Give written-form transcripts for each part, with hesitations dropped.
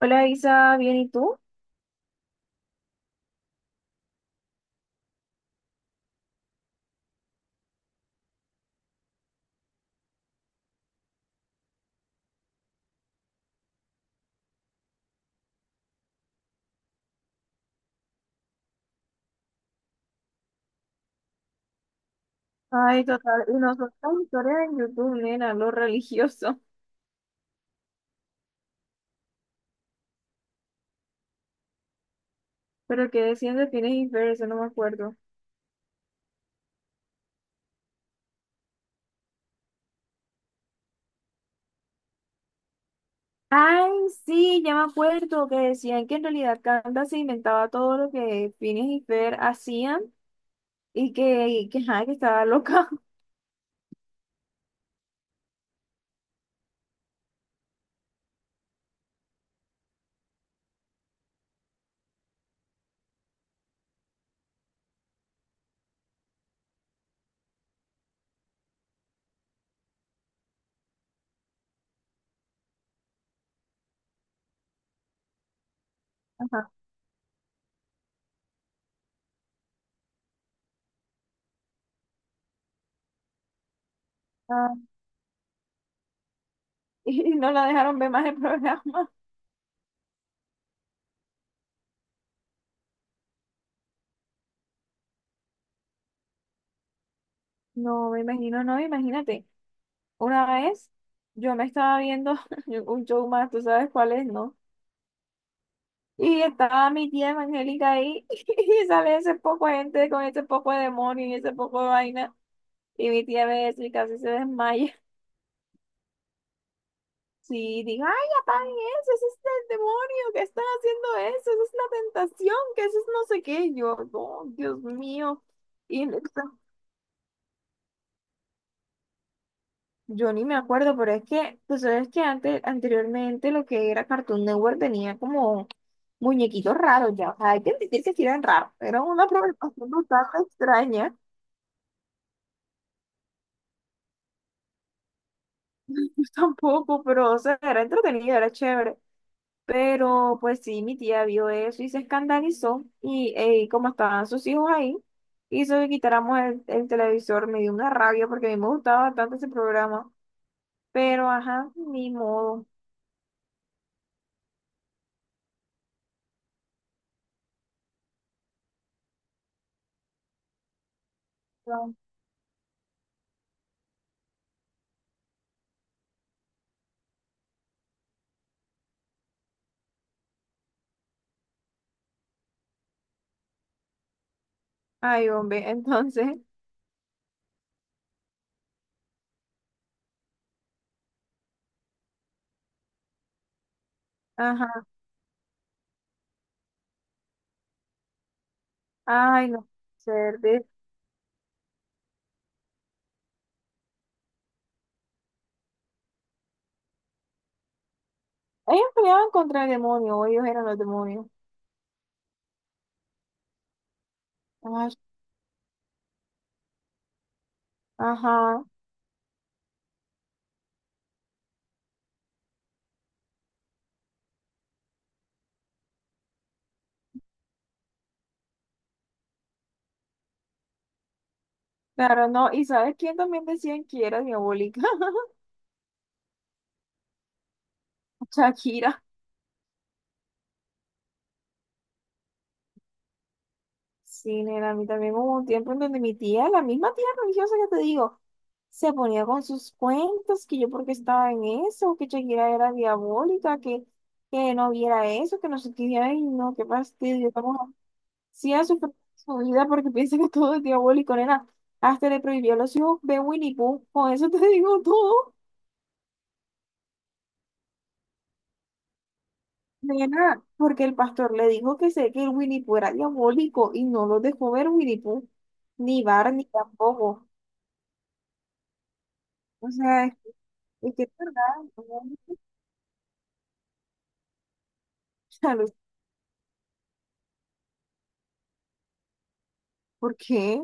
Hola Isa, ¿bien y tú? Ay, total, y nosotros historia en YouTube, nena, lo religioso. Pero que decían de Phineas y Ferb, eso no me acuerdo. Ay, sí, ya me acuerdo que decían que en realidad Candace se inventaba todo lo que Phineas y Ferb hacían y que, ajá, que estaba loca. Ajá. Ah, y no la dejaron ver más el programa. No, me imagino, no, imagínate. Una vez yo me estaba viendo un show más, ¿tú sabes cuál es, no? Y estaba mi tía evangélica ahí y sale ese poco de gente con ese poco de demonio y ese poco de vaina. Y mi tía ve eso y casi se desmaya. Sí, digo, ay, apaguen eso, ese es el demonio que están haciendo eso, eso es una tentación, que eso es no sé qué. Y yo, no, Dios mío. Y no- yo ni me acuerdo, pero es que, tú sabes que antes, anteriormente lo que era Cartoon Network tenía como muñequitos raros ya. O sea, hay que admitir que sí eran raros, era una programación bastante extraña. Tampoco, pero, o sea, era entretenido, era chévere. Pero, pues sí, mi tía vio eso y se escandalizó. Y ey, como estaban sus hijos ahí, hizo que quitáramos el televisor. Me dio una rabia porque a mí me gustaba bastante ese programa. Pero, ajá, ni modo. No. Ay, hombre, entonces, ajá. Ay, no, ser de... Ellos peleaban contra el demonio, o ellos eran los demonios. Ay, ajá, claro, no. ¿Y sabes quién también decían que era mi abuelita? Shakira. Sí, nena, a mí también hubo un tiempo en donde mi tía, la misma tía religiosa que te digo, se ponía con sus cuentos, que yo porque estaba en eso, que Shakira era diabólica, que no viera eso, que no sé qué, y ay, no, qué fastidio, estamos así a su vida porque piensa que todo es diabólico, nena, hasta le prohibió a los hijos ver Winnie Pooh, con eso te digo todo, nena, porque el pastor le dijo que sé que el Winnie Pooh era diabólico y no lo dejó ver Winnie Pooh, ni Barney tampoco. O sea, es que es verdad, ¿no? A los- ¿Por qué?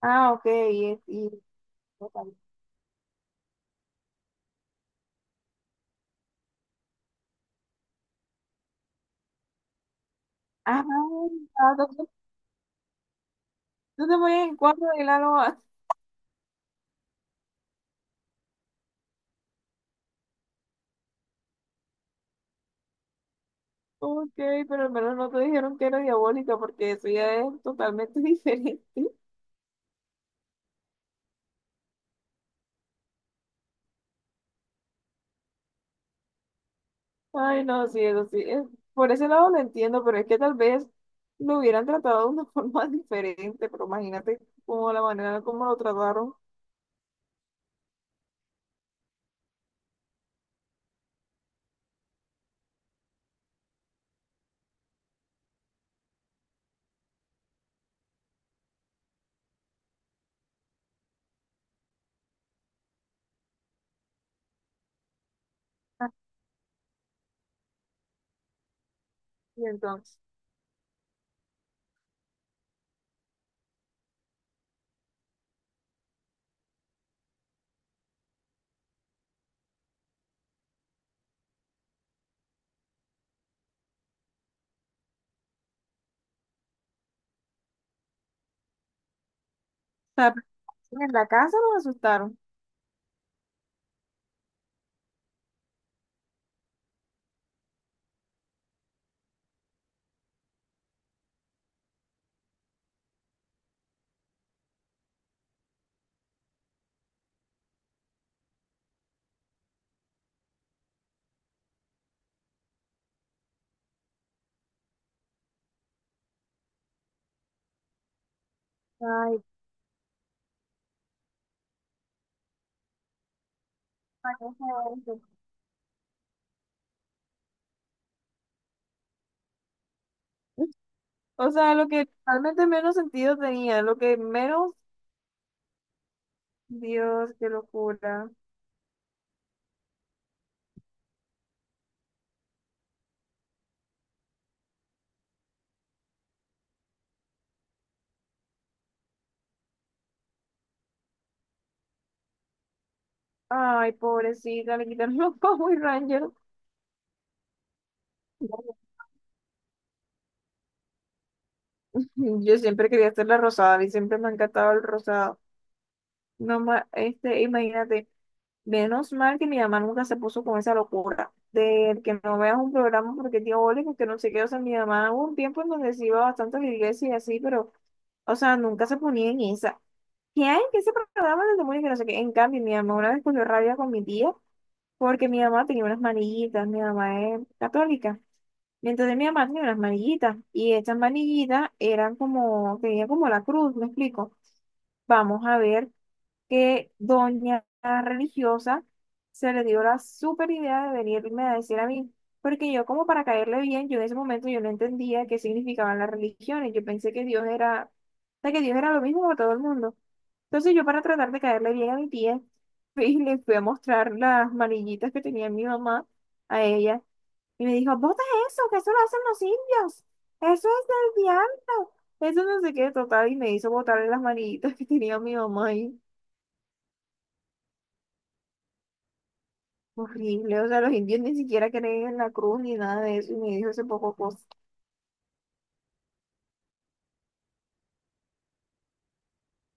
Ah, ok, y ah, ah, entonces, entonces voy en cuatro de la loa. Ok, pero al menos no te dijeron que era diabólica, porque eso ya es totalmente diferente. Ay, no, sí, eso sí. Por ese lado lo entiendo, pero es que tal vez lo hubieran tratado de una forma diferente, pero imagínate cómo la manera como lo trataron. Ah, y entonces, o sea, en la casa los asustaron. Ay, ay, no sé. O sea, lo que realmente menos sentido tenía, lo que menos, Dios, qué locura. Ay, pobrecita, le quitaron los Power Rangers. Yo siempre quería hacer la rosada, a mí siempre me ha encantado el rosado. No, este, imagínate, menos mal que mi mamá nunca se puso con esa locura de que no veas un programa porque diabólico, que no sé qué, o sea, mi mamá hubo un tiempo en donde se iba bastante a la iglesia y así, pero, o sea, nunca se ponía en esa. ¿Quién? ¿Qué se programa del demonio? Que no sé qué. En cambio, mi mamá una vez cogió rabia con mi tía porque mi mamá tenía unas manillitas. Mi mamá es católica. Y entonces mi mamá tenía unas manillitas y estas manillitas eran como, tenía como la cruz, ¿me explico? Vamos a ver que doña religiosa se le dio la super idea de venirme a decir a mí, porque yo como para caerle bien, yo en ese momento yo no entendía qué significaban las religiones, yo pensé que Dios era, o sea, que Dios era lo mismo para todo el mundo. Entonces yo para tratar de caerle bien a mi tía, le fui a mostrar las manillitas que tenía mi mamá a ella. Y me dijo, bota eso, que eso lo hacen los indios, eso es del diablo, eso no sé qué, total, y me hizo botarle las manillitas que tenía mi mamá ahí. Horrible, o sea, los indios ni siquiera creen en la cruz ni nada de eso, y me dijo ese poco cosa,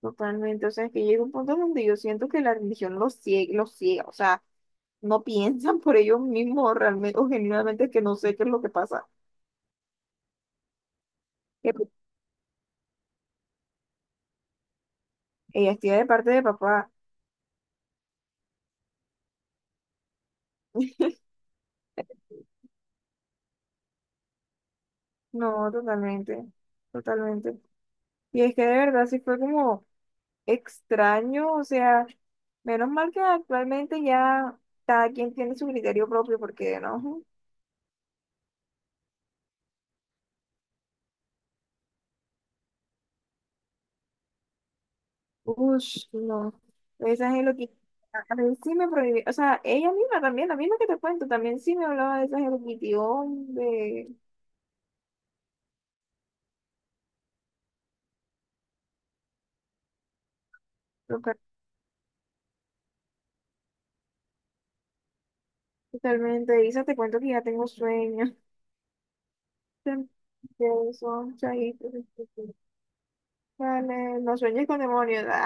totalmente, o sea, es que llega un punto donde yo siento que la religión los ciega, o sea, no piensan por ellos mismos realmente, o genuinamente que no sé qué es lo que pasa. Que, pues, ella estoy de parte de papá. No, totalmente, totalmente. Y es que de verdad sí fue como extraño, o sea, menos mal que actualmente ya cada quien tiene su criterio propio, porque no, uff, no, esa es lo que, a mí sí me prohibió, o sea, ella misma también, la misma que te cuento, también sí me hablaba de esa Hello Kitty, hombre, loca, totalmente, Isa, te cuento que ya tengo sueño, de eso, chaito, vale, no sueñes con demonios,